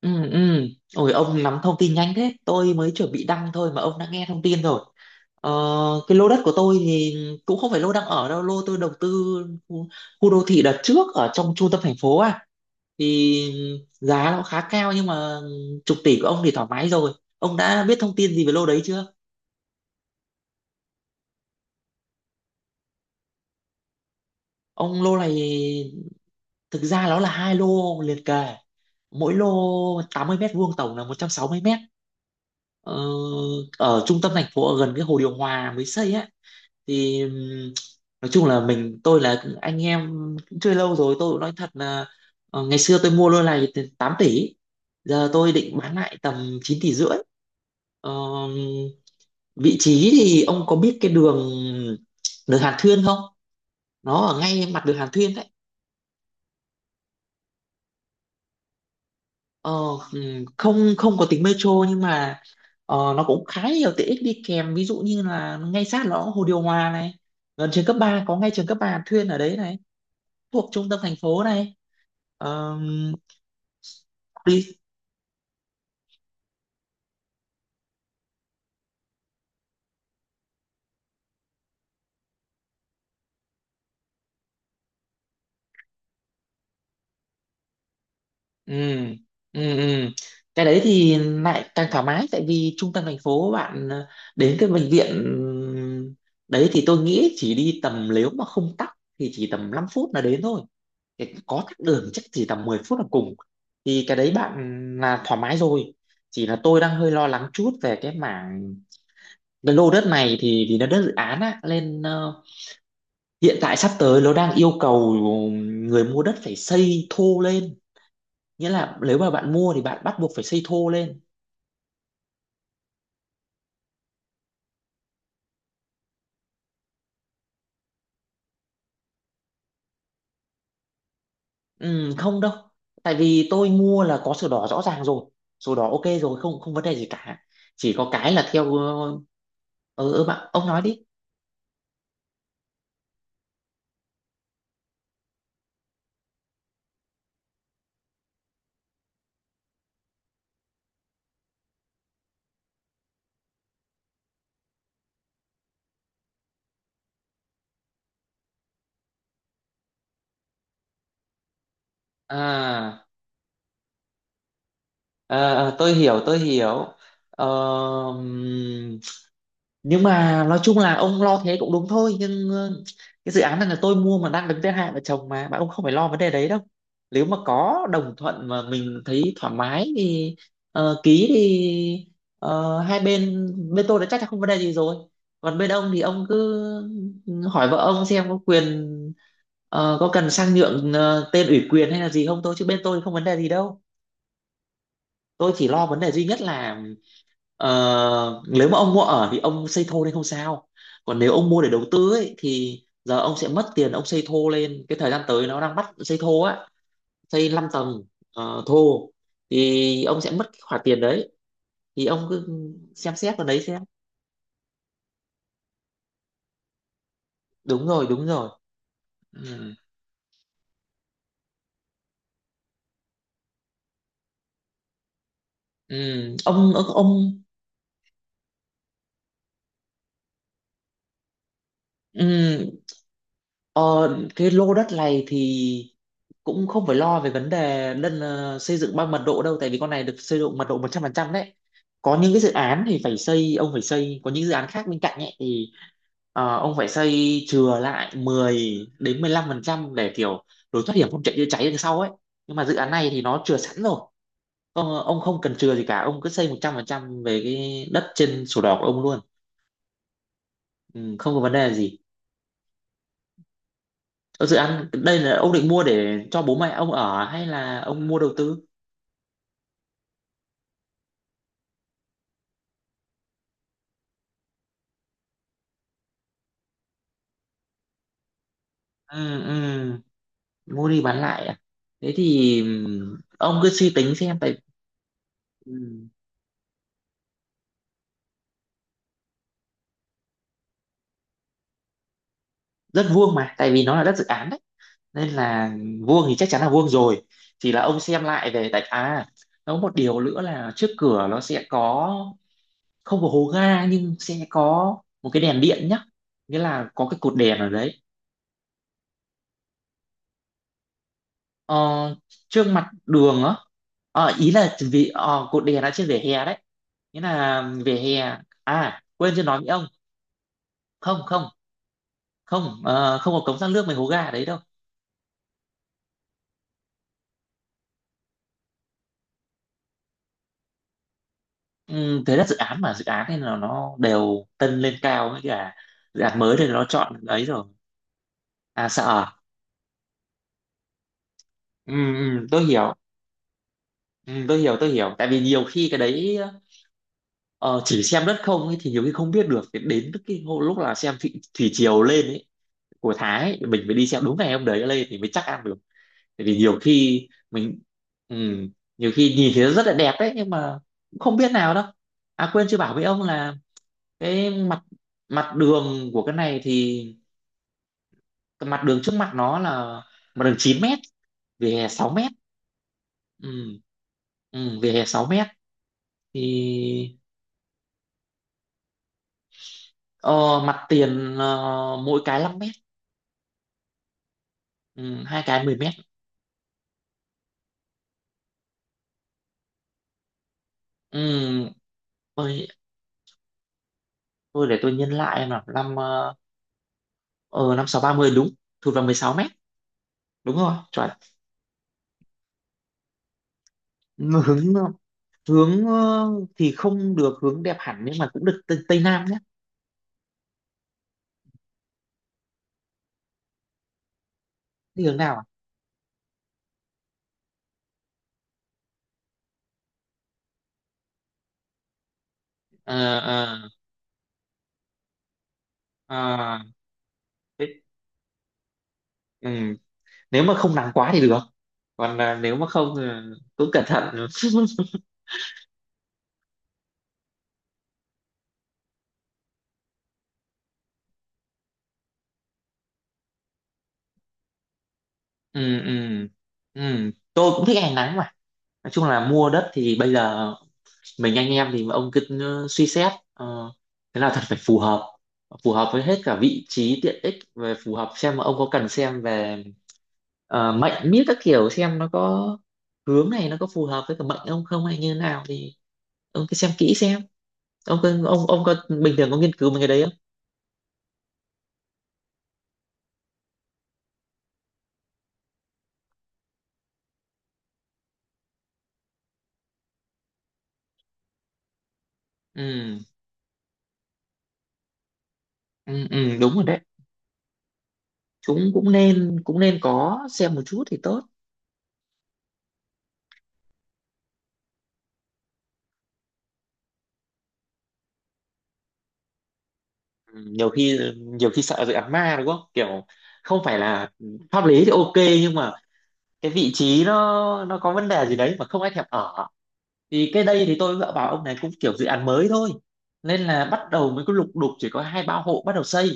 Ừ, ừ. Ôi ông nắm thông tin nhanh thế! Tôi mới chuẩn bị đăng thôi mà ông đã nghe thông tin rồi. ờ, Cái lô đất của tôi thì cũng không phải lô đang ở đâu. Lô tôi đầu tư khu, khu đô thị đợt trước ở trong trung tâm thành phố à. Thì giá nó khá cao nhưng mà chục tỷ của ông thì thoải mái rồi. Ông đã biết thông tin gì về lô đấy chưa? Ông, lô này thực ra nó là hai lô liền kề. Mỗi lô 80 mét vuông, tổng là 160 mét. Ờ, Ở trung tâm thành phố, ở gần cái hồ điều hòa mới xây ấy thì nói chung là mình tôi là anh em, cũng chơi lâu rồi, tôi cũng nói thật là ngày xưa tôi mua lô này từ 8 tỷ, giờ tôi định bán lại tầm 9 tỷ rưỡi. Ờ, Vị trí thì ông có biết cái đường đường Hàn Thuyên không? Nó ở ngay mặt đường Hàn Thuyên đấy. Ờ, không không có tính metro nhưng mà nó cũng khá nhiều tiện ích đi kèm, ví dụ như là ngay sát nó có hồ điều hòa này, gần trường cấp ba, có ngay trường cấp 3 Hàn Thuyên ở đấy này, thuộc trung tâm thành phố này. Ờ, đi ừ, ừ, ừ. Cái đấy thì lại càng thoải mái, tại vì trung tâm thành phố bạn, đến cái bệnh viện đấy thì tôi nghĩ chỉ đi tầm, nếu mà không tắc thì chỉ tầm 5 phút là đến thôi. Có tắc đường chắc chỉ tầm 10 phút là cùng, thì cái đấy bạn là thoải mái rồi. Chỉ là tôi đang hơi lo lắng chút về cái mảng, cái lô đất này thì vì nó đất dự án á nên hiện tại sắp tới nó đang yêu cầu người mua đất phải xây thô lên, nghĩa là nếu mà bạn mua thì bạn bắt buộc phải xây thô lên. Ừ, không đâu, tại vì tôi mua là có sổ đỏ rõ ràng rồi, sổ đỏ ok rồi, không không vấn đề gì cả. Chỉ có cái là theo ừ, ừ bạn, ông nói đi. À, tôi hiểu tôi hiểu. Ờ, nhưng mà nói chung là ông lo thế cũng đúng thôi, nhưng cái dự án này là tôi mua mà đang đứng thứ hai vợ chồng mà bạn, ông không phải lo vấn đề đấy đâu. Nếu mà có đồng thuận mà mình thấy thoải mái thì ký thì hai bên, bên tôi đã chắc chắn không vấn đề gì rồi, còn bên ông thì ông cứ hỏi vợ ông xem có quyền có cần sang nhượng tên ủy quyền hay là gì không, thôi chứ bên tôi không vấn đề gì đâu. Tôi chỉ lo vấn đề duy nhất là nếu mà ông mua ở thì ông xây thô lên không sao, còn nếu ông mua để đầu tư ấy thì giờ ông sẽ mất tiền, ông xây thô lên cái thời gian tới nó đang bắt xây thô á, xây 5 tầng thô, thì ông sẽ mất cái khoản tiền đấy. Thì ông cứ xem xét vào đấy xem. Đúng rồi, đúng rồi. Ừ. Ừ. Ông ừ. Ờ, cái lô đất này thì cũng không phải lo về vấn đề lân xây dựng bằng mật độ đâu, tại vì con này được xây dựng mật độ 100% đấy. Có những cái dự án thì phải xây, ông phải xây, có những dự án khác bên cạnh ấy thì ông phải xây chừa lại 10 đến 15% để kiểu lối thoát hiểm, không chạy chữa cháy đằng sau ấy. Nhưng mà dự án này thì nó chừa sẵn rồi. Ông không cần chừa gì cả, ông cứ xây 100% về cái đất trên sổ đỏ của ông luôn. Ừ, không có vấn đề gì. Ở dự án đây là ông định mua để cho bố mẹ ông ở hay là ông mua đầu tư? Ừ, ừ, mua đi bán lại à? Thế thì ông cứ suy tính xem. Tại ừm, đất vuông mà, tại vì nó là đất dự án đấy, nên là vuông thì chắc chắn là vuông rồi. Chỉ là ông xem lại về, tại à nó có một điều nữa là trước cửa nó sẽ có, không có hố ga nhưng sẽ có một cái đèn điện nhá, nghĩa là có cái cột đèn ở đấy. ờ, Trước mặt đường á, ý là vì cột đèn đã trên vỉa hè đấy, nghĩa là vỉa hè, à quên chưa nói với ông. Không không không, không có cống thoát nước mấy hố ga đấy đâu. Ừ, thế là dự án mà, dự án này là nó đều tân lên cao, với cả dự án mới thì nó chọn ấy rồi. À, sợ à? Ừ, ừ, tôi hiểu. Ừ, tôi hiểu, tôi hiểu, tại vì nhiều khi cái đấy ờ, chỉ xem đất không ấy, thì nhiều khi không biết được. Thì đến cái lúc là xem thủy triều lên ấy, của Thái ấy, mình mới đi xem đúng ngày hôm đấy lên thì mới chắc ăn được, tại vì nhiều khi mình, ừ, nhiều khi nhìn thấy nó rất là đẹp đấy nhưng mà cũng không biết nào đâu. À quên chưa bảo với ông là cái mặt mặt đường của cái này thì cái mặt đường trước mặt nó là mặt đường 9 mét, vỉa hè 6 mét. Ừ, ừ, vỉa hè 6 mét thì ờ, mặt tiền mỗi cái 5 mét. Ừ, hai cái 10 mét. Ừ, tôi, tôi để tôi nhân lại em nào năm ờ, năm sáu ba mươi đúng, thụt vào 16 mét, đúng rồi, chuẩn. Hướng Hướng thì không được hướng đẹp hẳn nhưng mà cũng được tây nam nhé. Đi hướng nào à? Ờ, ờ, ờ, thế- ừ, nếu mà không nắng quá thì được, còn à, nếu mà không thì cũng cẩn thận. Ừ, ừ, ừ tôi cũng thích ngày nắng mà. Nói chung là mua đất thì bây giờ mình anh em thì ông cứ suy xét thế nào thật phải phù hợp, phù hợp với hết cả vị trí tiện ích, về phù hợp xem mà ông có cần xem về mệnh miết các kiểu xem nó có hướng này nó có phù hợp với cả mệnh ông không hay như thế nào, thì ông cứ xem kỹ xem. Ông có bình thường có nghiên cứu mấy cái đấy không? Ừ, ừ, ừ đúng rồi đấy, chúng cũng nên, cũng nên có xem một chút thì tốt. Ừ, nhiều khi, nhiều khi sợ dự án ma đúng không, kiểu không phải là pháp lý thì ok nhưng mà cái vị trí nó có vấn đề gì đấy mà không ai thèm ở. Thì cái đây thì tôi dựa vào ông này cũng kiểu dự án mới thôi, nên là bắt đầu mới có lục đục, chỉ có hai ba hộ bắt đầu xây.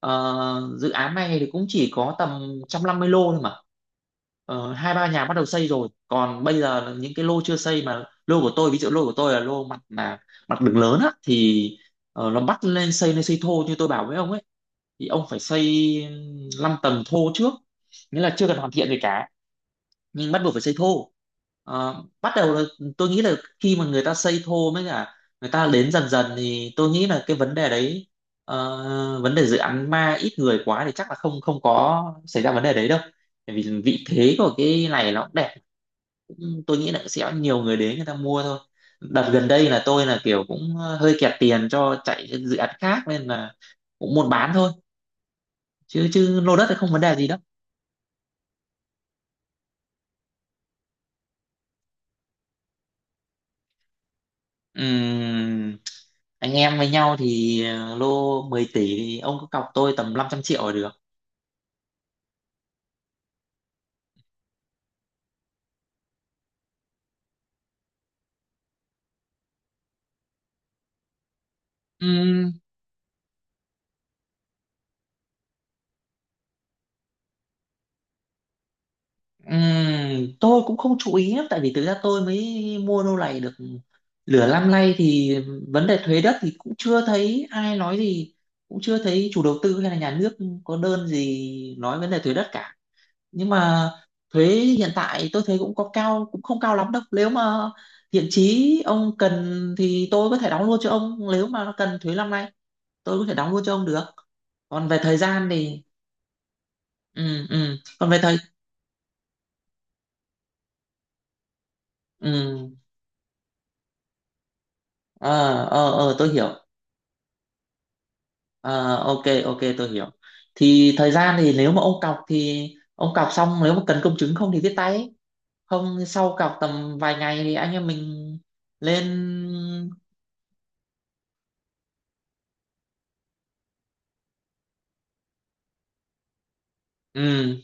Ờ, dự án này thì cũng chỉ có tầm 150 lô thôi mà. Ờ, hai ba nhà bắt đầu xây rồi, còn bây giờ là những cái lô chưa xây, mà lô của tôi, ví dụ lô của tôi là lô mặt là mặt đường lớn á thì nó bắt lên xây, lên xây thô như tôi bảo với ông ấy, thì ông phải xây 5 tầng thô trước, nghĩa là chưa cần hoàn thiện gì cả nhưng bắt buộc phải xây thô. Ờ, bắt đầu là tôi nghĩ là khi mà người ta xây thô mới cả người ta đến dần dần thì tôi nghĩ là cái vấn đề đấy ờ, vấn đề dự án ma ít người quá thì chắc là không không có xảy ra vấn đề đấy đâu, bởi vì vị thế của cái này nó cũng đẹp, tôi nghĩ là sẽ nhiều người đến, người ta mua thôi. Đợt gần đây là tôi là kiểu cũng hơi kẹt tiền cho chạy dự án khác nên là cũng muốn bán thôi, chứ chứ lô đất thì không vấn đề gì đâu. Ừm, anh em với nhau thì lô 10 tỷ thì ông cứ cọc tôi tầm 500 triệu là được. Ừm, tôi cũng không chú ý lắm, tại vì thực ra tôi mới mua lô này được nửa năm nay thì vấn đề thuế đất thì cũng chưa thấy ai nói gì, cũng chưa thấy chủ đầu tư hay là nhà nước có đơn gì nói vấn đề thuế đất cả. Nhưng mà thuế hiện tại tôi thấy cũng có cao, cũng không cao lắm đâu, nếu mà thiện chí ông cần thì tôi có thể đóng luôn cho ông, nếu mà nó cần thuế năm nay tôi có thể đóng luôn cho ông được. Còn về thời gian thì ừ, ừ còn về thời, ừ ờ tôi hiểu. Ờ ok, ok, tôi hiểu. Thì thời gian thì nếu mà ông cọc thì ông cọc xong, nếu mà cần công chứng, không thì viết tay ấy. Không thì sau cọc tầm vài ngày thì anh em mình lên. Ừ,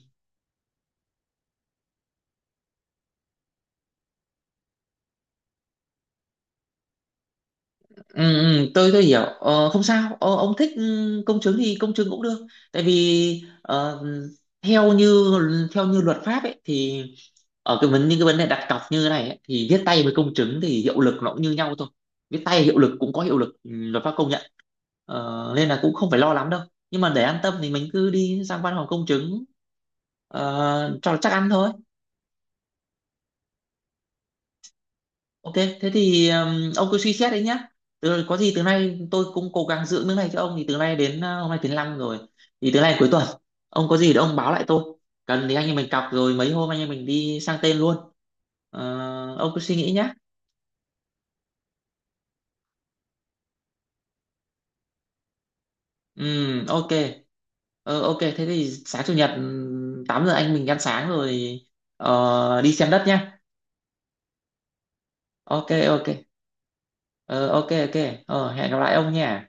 ừ, ừ, tôi hiểu, không sao, ông thích công chứng thì công chứng cũng được, tại vì theo như theo như luật pháp ấy thì ở cái vấn những cái vấn đề đặt cọc như thế này ấy, thì viết tay với công chứng thì hiệu lực nó cũng như nhau thôi, viết tay hiệu lực cũng có hiệu lực, ừ, luật pháp công nhận. Ờ, nên là cũng không phải lo lắm đâu, nhưng mà để an tâm thì mình cứ đi sang văn phòng công chứng cho nó chắc ăn thôi. Ok, thế thì ông cứ suy xét đấy nhá. Có gì từ nay tôi cũng cố gắng giữ nước này cho ông, thì từ nay đến hôm nay thứ năm rồi. Thì từ nay cuối tuần ông có gì thì ông báo lại tôi. Cần thì anh em mình cọc rồi mấy hôm anh em mình đi sang tên luôn. Ờ, ông cứ suy nghĩ nhá. Ừ, ok. Ờ, ok, thế thì sáng chủ nhật 8 giờ anh mình ăn sáng rồi đi xem đất nhá. Ok, ok. Ờ, ok, ok. Ờ, hẹn gặp lại ông nha.